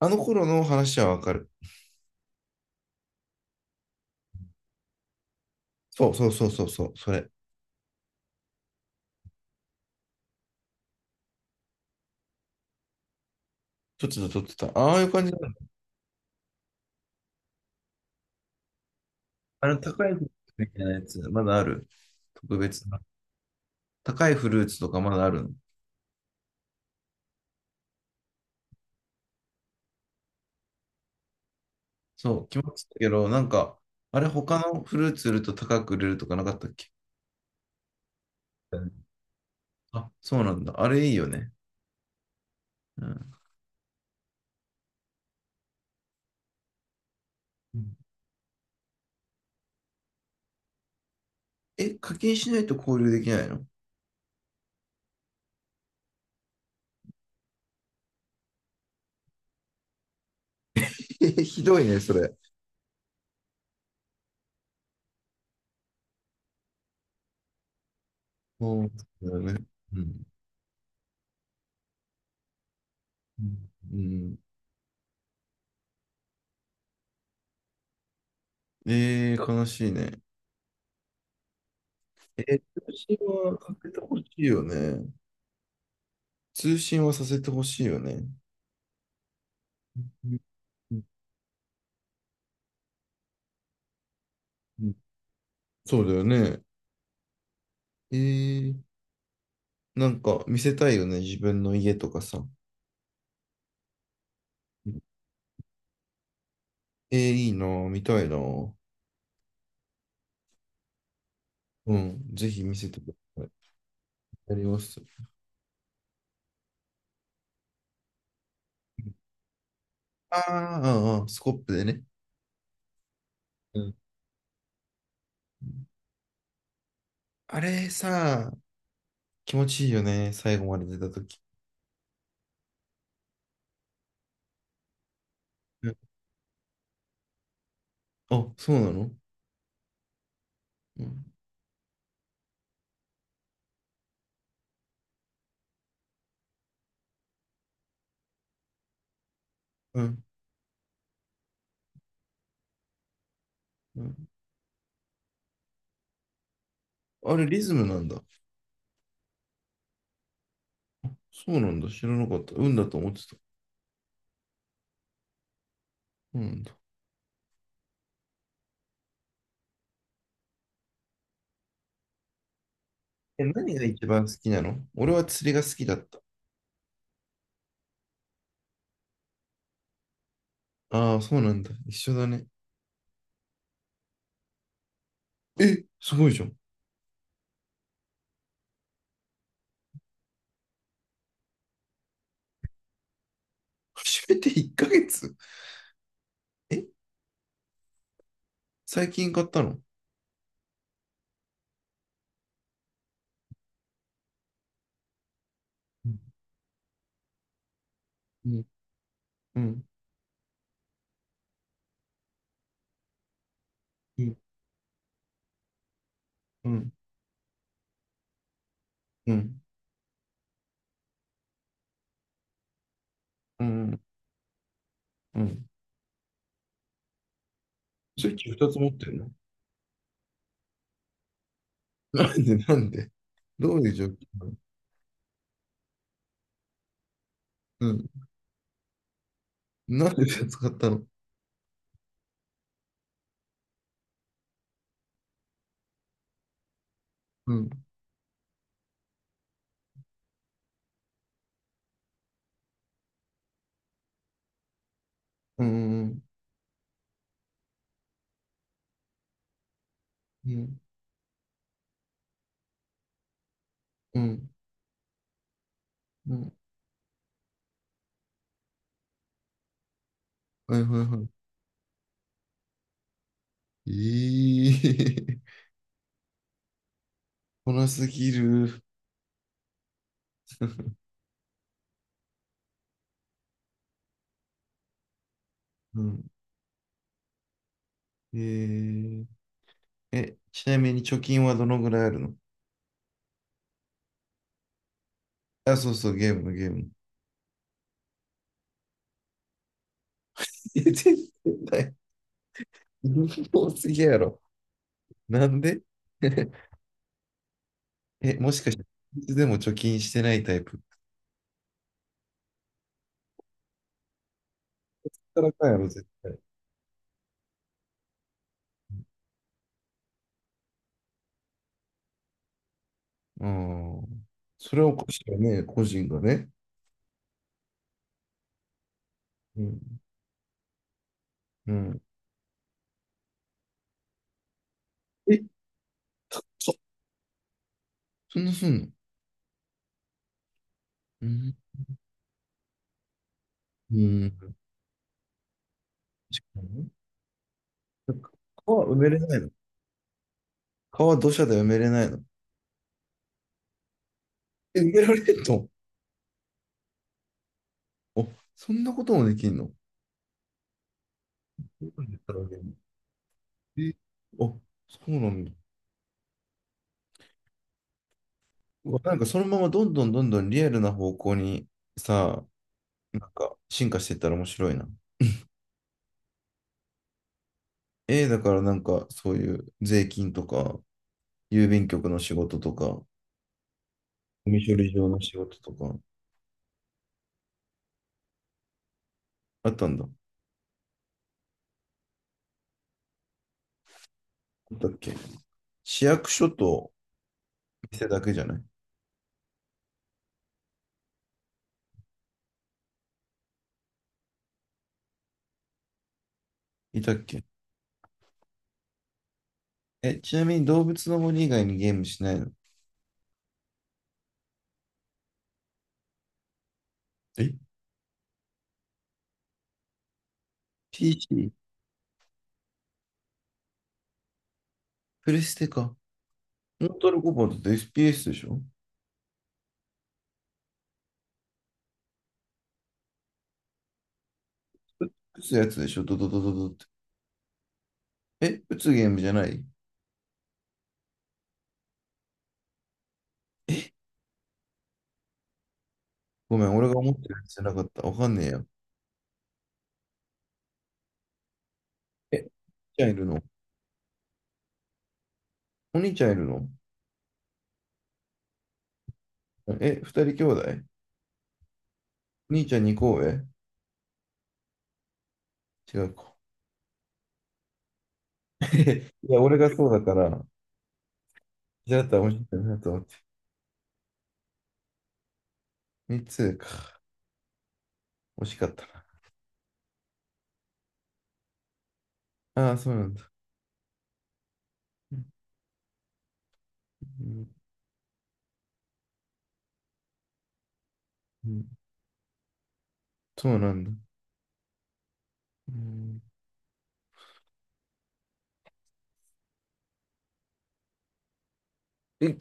あの頃の話はわかる。そうそうそうそう、そう、それ。撮ってた、撮ってた。ああいう感じなの。高いフルーツみたいなやつ、まだある。特別な。高いフルーツとかまだあるの？そう、気持ちいいけど、なんか、あれ他のフルーツ売ると高く売れるとかなかったっけ？うん。あ、そうなんだ。あれいいよね。うん。うん。え、課金しないと交流できないの？ ひどいね、それ。そうだよね。うん。うん。うん。えー、悲しいね。えー、私はかけてほしいよね。通信はさせてほしいよね。うん。うん。うん。そうだよね。えー、なんか見せたいよね、自分の家とかさ。えー、いいなぁ、見たいなぁ。うん、ぜひ見せてください。やります。あーあー、あ、スコップでね。うん。あれさ、気持ちいいよね、最後まで出たとき。うん。あ、そうなの？うん、うん、うん。あれ、リズムなんだ。そうなんだ、知らなかった。運だと思ってた。うんだ。え、何が一番好きなの？俺は釣りが好きだった。ああ、そうなんだ。一緒だね。え、すごいじゃん。初めて1ヶ月？え、最近買ったの？うん、うん、うん、うん、うん、うん、うん。スイッチ2つ持ってるの？なんで、なんで？どういう状況なの？うん。なんで2つ買ったの？うん、うん、うん、うん、うん。はいはいはい。ええ、こなすぎる。うん。えー、え、ちなみに貯金はどのぐらいあるの？あ、そうそう、ゲームのゲーム。いや、絶対、多すぎやろ。なんで？ え、もしかして、いつでも貯金してないタイプ。働かんやろ、絶対。うん。それはおかしいよね、個人がね。うん。うん。え、そ、そんなすんの？うん。うん。確かに。なんか川埋めれないの？川土砂で埋めれないの？え、埋められんの？お、そんなこともできんの？そうなんでったらね。え、あ、そうなんだ。うわ、なんかそのままどんどんどんどんリアルな方向にさ、なんか進化していったら面白いな。A だからなんかそういう税金とか、郵便局の仕事とか、ゴミ処理場の仕事とか、あったんだ。あったっけ？市役所と店だけじゃない？いたっけ？え、ちなみに動物の森以外にゲームしないの？え ?PC? プレステか。モータルコンバットって SPS でしょ？打つやつでしょ？ドドドドドって。え、打つゲームじゃない？ごめん、俺が思ってるやつじゃなかった。わかんねえよ。え、兄ちゃんいるの？お兄ちゃんいるの？え、二人兄弟？兄ちゃん二個上？違うか。いや、俺がそうだから、じゃあだったら面白いなと思って。三つか。惜しかったな。ああ、そうなんだ。うん、うん。そうなんだ。うん、え、